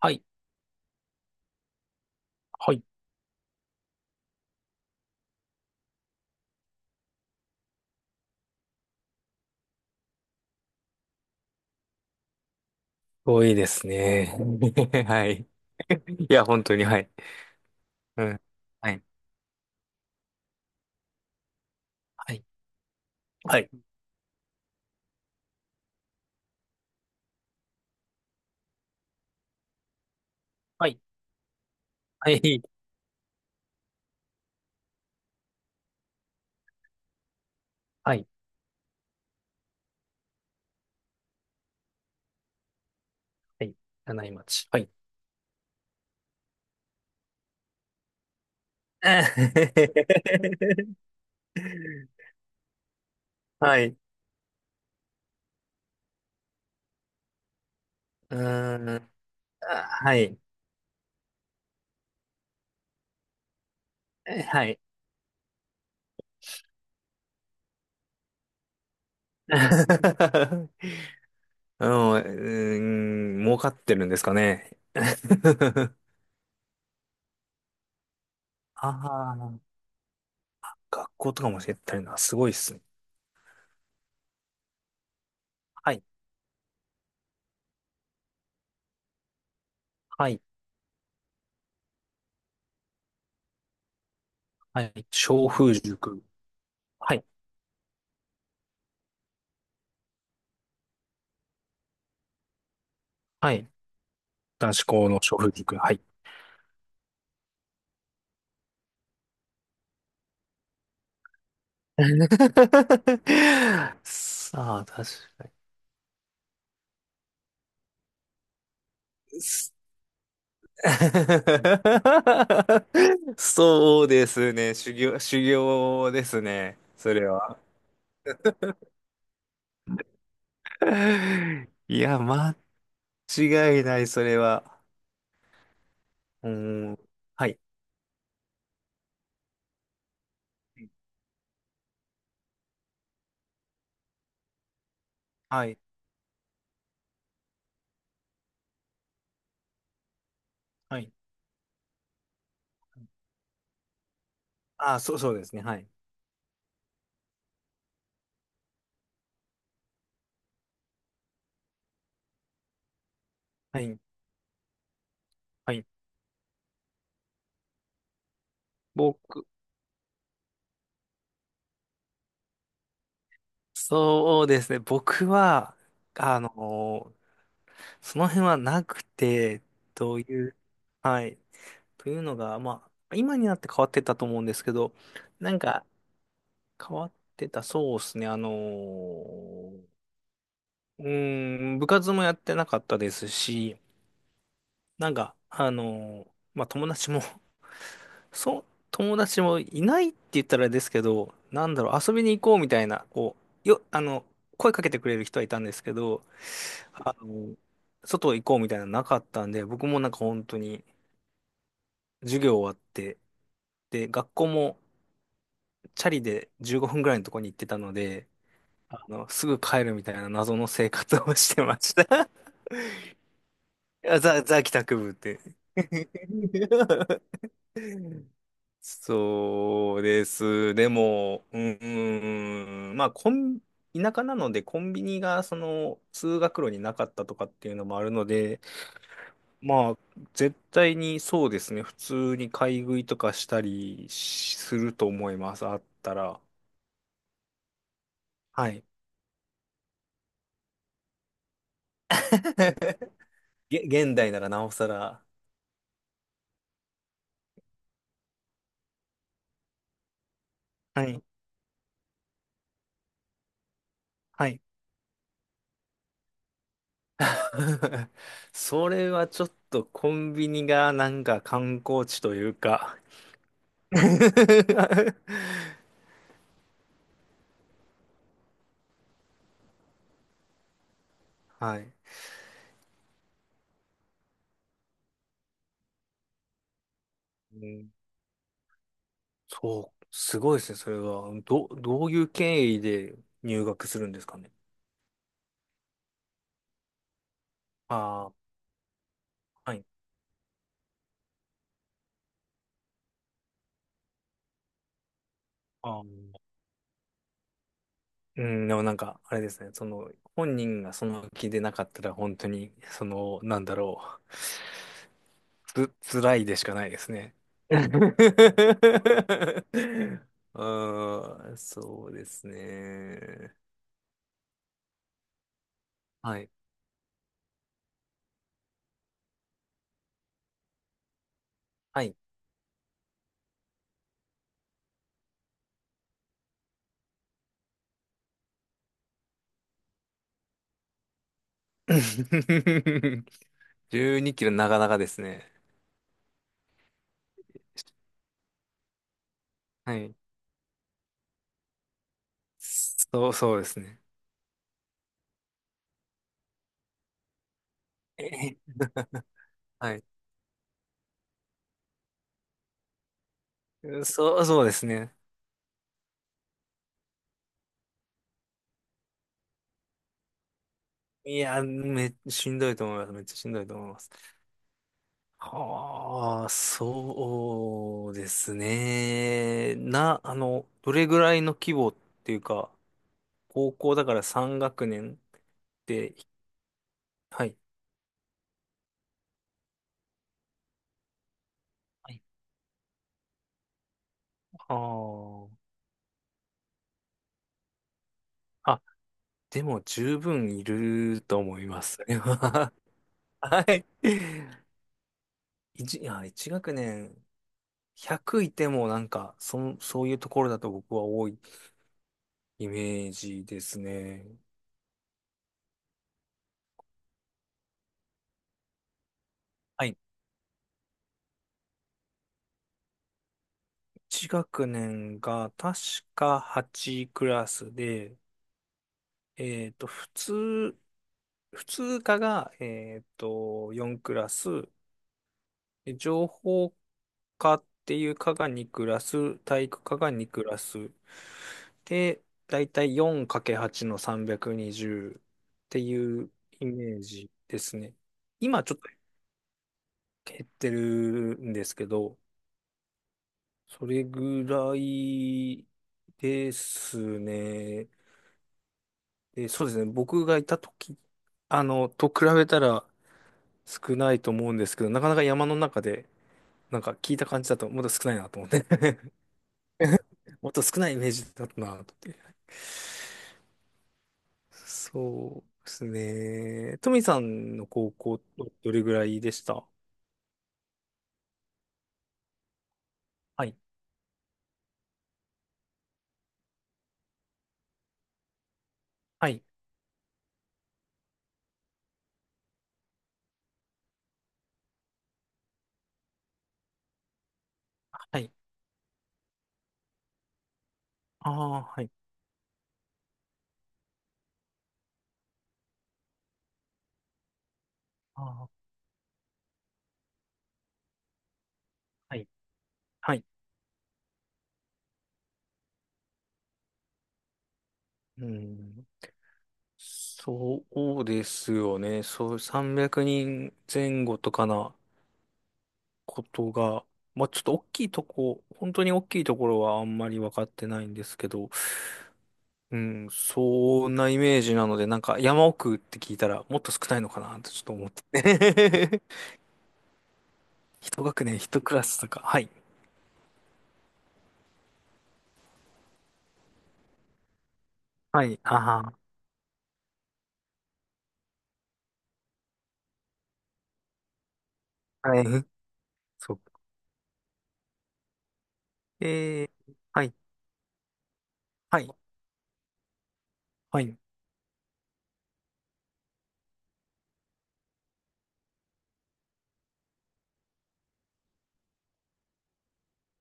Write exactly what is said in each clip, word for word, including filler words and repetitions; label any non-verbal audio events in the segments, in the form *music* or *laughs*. はい。はい。多いですね。*laughs* はい。*laughs* いや、本当に、はい。うん。はい。はい。はい。はい。はい。はい。はい。柳井町。はい。*laughs* はい。うーん。はい。はい。*laughs* うん、うーん儲かってるんですかね。*laughs* ああ、学校とかも教えてるのはすごいっすね。はい。はい。はい。小風塾。はい。はい。男子校の小児君。はい。*laughs* さあ、確かに。す *laughs* そうですね。修行、修行ですね。それは。いや、間違いない、それは。うん。はい。はい。はい。あ、そう、そうですね。はい。はい。はい。僕、そうですね。僕は、あのーその辺はなくて、どういう、はい。というのが、まあ、今になって変わってたと思うんですけど、なんか変わってた、そうですね、あのーうーん、部活もやってなかったですし、なんか、あのーまあ、友達も *laughs* そう、友達もいないって言ったらあれですけど、なんだろう、遊びに行こうみたいな、こう、よ、あの、声かけてくれる人はいたんですけど、あの、外行こうみたいなのなかったんで、僕もなんか本当に授業終わって、で、学校もチャリでじゅうごふんぐらいのとこに行ってたので、あの、すぐ帰るみたいな謎の生活をしてました。*laughs* いやザ、ザ帰宅部って。*laughs* そうです。でも、うん、うんうん、まあ、コン、田舎なのでコンビニがその通学路になかったとかっていうのもあるので、まあ、絶対にそうですね。普通に買い食いとかしたりしすると思います。あったら。はい。*laughs* げ現代ならなおさら。はい。はい。*laughs* それはちょっとコンビニがなんか観光地というか。 *laughs* はい。うん、そう、すごいですね、それは。ど、どういう経緯で入学するんですかね。ああ、はい。あーうん、でもなんか、あれですね、その、本人がその気でなかったら、本当に、その、なんだろう。つ、辛いでしかないですね。*laughs* ああ、そうですね。はい。はい。*laughs* じゅうにキロ、なかなかですね。はい。そう、そうですね。えへはい。そう、そうですね。いや、め、しんどいと思います。めっちゃしんどいと思います。はあ、そうですね。な、あの、どれぐらいの規模っていうか、高校だからさん学年で、はい。はい。あーあ、でも十分いると思います。*laughs* はい。一いや、一学年ひゃくいてもなんか、そん、そういうところだと僕は多いイメージですね。はい。一学年が確かはちクラスで、えっと、普通、普通科が、えっと、よんクラス、で情報科っていう科がにクラス、体育科がにクラス。で、だいたい よん×はち のさんびゃくにじゅうっていうイメージですね。今ちょっと減ってるんですけど、それぐらいですね。で、そうですね。僕がいたときあの、と比べたら少ないと思うんですけど、なかなか山の中で、なんか聞いた感じだと、もっと少ないなと思って。*laughs* もっと少ないイメージだったなって。そうですね。トミさんの高校っ、どれぐらいでした？はい。はい。はい。ああ、はい。ああ、はい。はい。うん。そうですよね。そう、さんびゃくにんぜんごとかなことが、まあちょっと大きいとこ、本当に大きいところはあんまり分かってないんですけど、うん、そんなイメージなので、なんか山奥って聞いたらもっと少ないのかなとちょっと思って。*laughs* 一学年一クラスとか。はい。はい。ああ、はい。そう。えー、はい。はい。はい。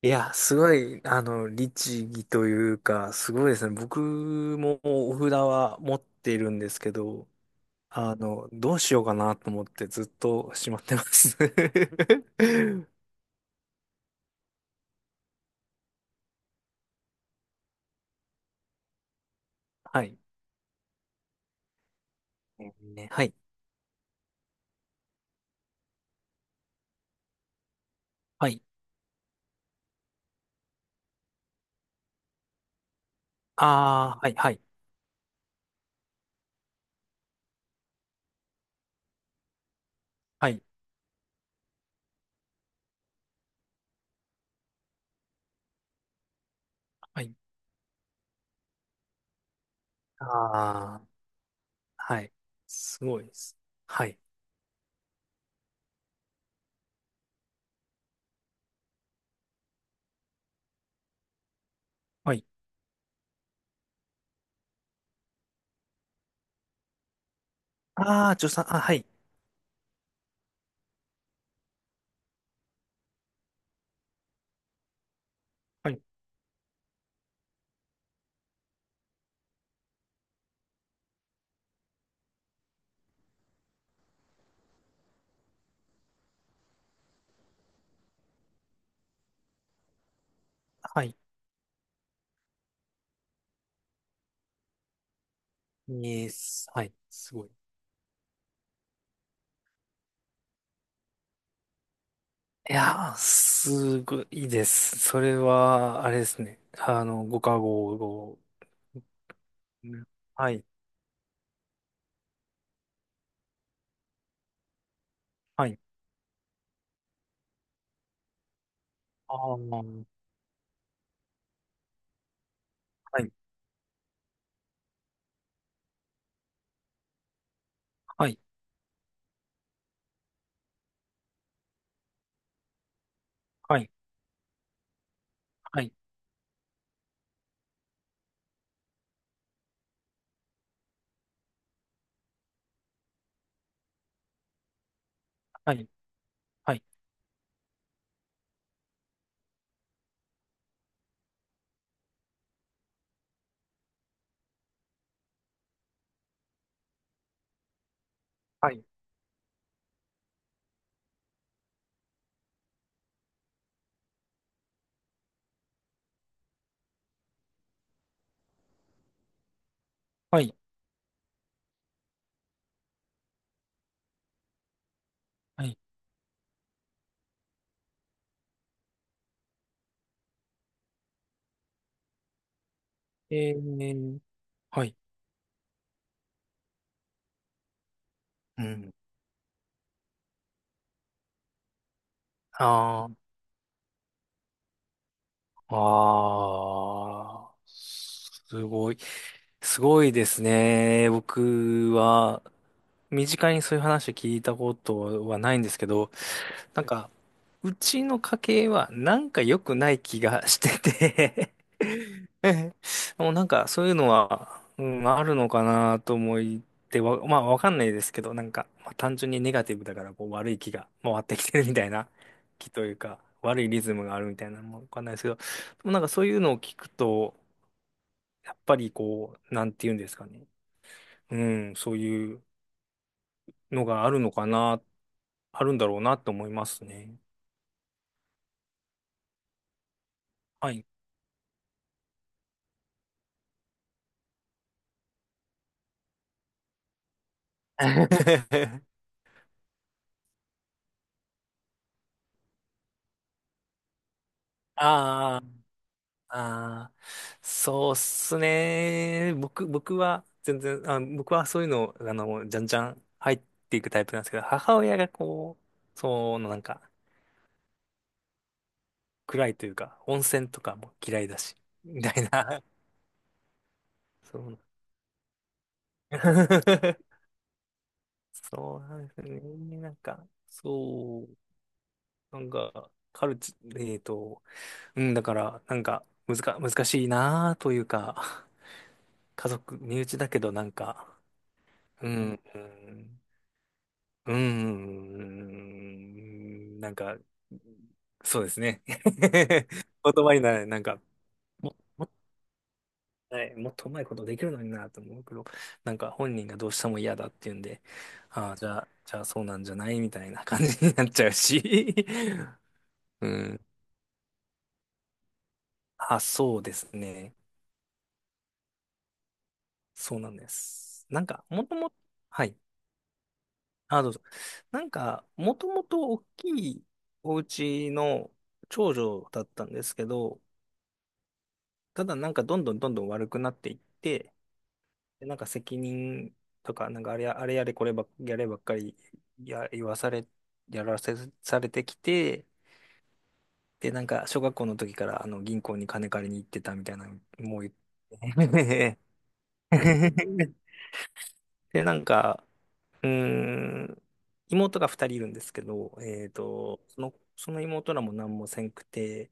いや、すごい、あの、律儀というか、すごいですね。僕もお札は持っているんですけど、あの、どうしようかなと思ってずっとしまってます。*laughs* はい。ね、はい。はい。ああ、はい、はい。はい。はい。ああ、はい。すごいです。はい。はい。ああ、助産、あ、はい。はい。はいに、はい、すごい。いやー、すごいです。それは、あれですね。あの、ご加護を。うん、はい、はい。ああ、はい、はい、はい、はい、はい、はい、はい、はい、はい。えー、はい、うん。ああ、ああ、すごい。すごいですね。僕は、身近にそういう話を聞いたことはないんですけど、なんか、うちの家系はなんか良くない気がしてて。 *laughs* もうなんかそういうのは、うん、あるのかなと思ってわ、まあわかんないですけど、なんか、まあ、単純にネガティブだからこう悪い気が回ってきてるみたいな気というか、悪いリズムがあるみたいなのもわかんないですけど、でもなんかそういうのを聞くと、やっぱりこう、なんて言うんですかね。うん、そういうのがあるのかな、あるんだろうなと思いますね。はい。*laughs* あーあー、あ、そうっすね。僕、僕は全然、あ、僕はそういうの、あの、じゃんじゃん入っていくタイプなんですけど、母親がこう、そのなんか、暗いというか、温泉とかも嫌いだし、*laughs* みたいな。そう。*laughs* そうなんですね。なんか、そう、なんか、カルチ、えっと、うん、だから、なんか、むずか、難しいなというか、家族、身内だけどなんか、うん、うんうーん、なんか、そうですね。*laughs* 言葉にならない、なんか、もっいい、もっとうまいことできるのになと思うけど、なんか本人がどうしても嫌だっていうんで、ああ、じゃあ、じゃあそうなんじゃないみたいな感じになっちゃうし。*laughs* うん。あ、そうですね。そうなんです。なんか、もともと、はい。あ、どうぞ。なんか、もともと大きいお家の長女だったんですけど、ただなんかどんどんどんどん悪くなっていって、でなんか責任とか、なんかあれや、あれやれこればっ、やればっかりや、言わされ、やらせ、されてきて、で、なんか小学校の時からあの銀行に金借りに行ってたみたいなのもう言って。*laughs* で、なんか、うーん、妹がふたりいるんですけど、えっと、その、その妹らも何もせんくて、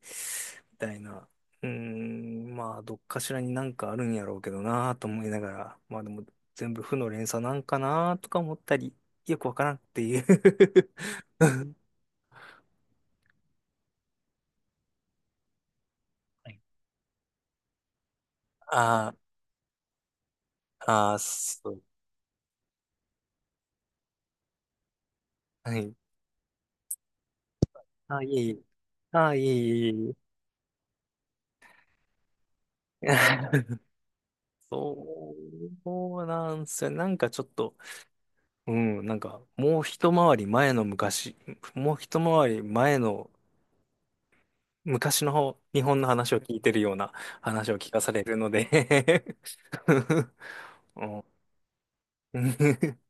みたいな。うーん、まあ、どっかしらになんかあるんやろうけどなと思いながら、まあでも、全部負の連鎖なんかなとか思ったり、よくわからんっていう。 *laughs* ああ、*laughs* ああ、そう。はい。ああ、いえいえ。ああ、いえいえいえいえ。*laughs* そうなんすよ。なんかちょっと、うん、なんか、もう一回り前の昔、もう一回り前の昔の方日本の話を聞いてるような話を聞かされるので。 *laughs* うん。 *laughs*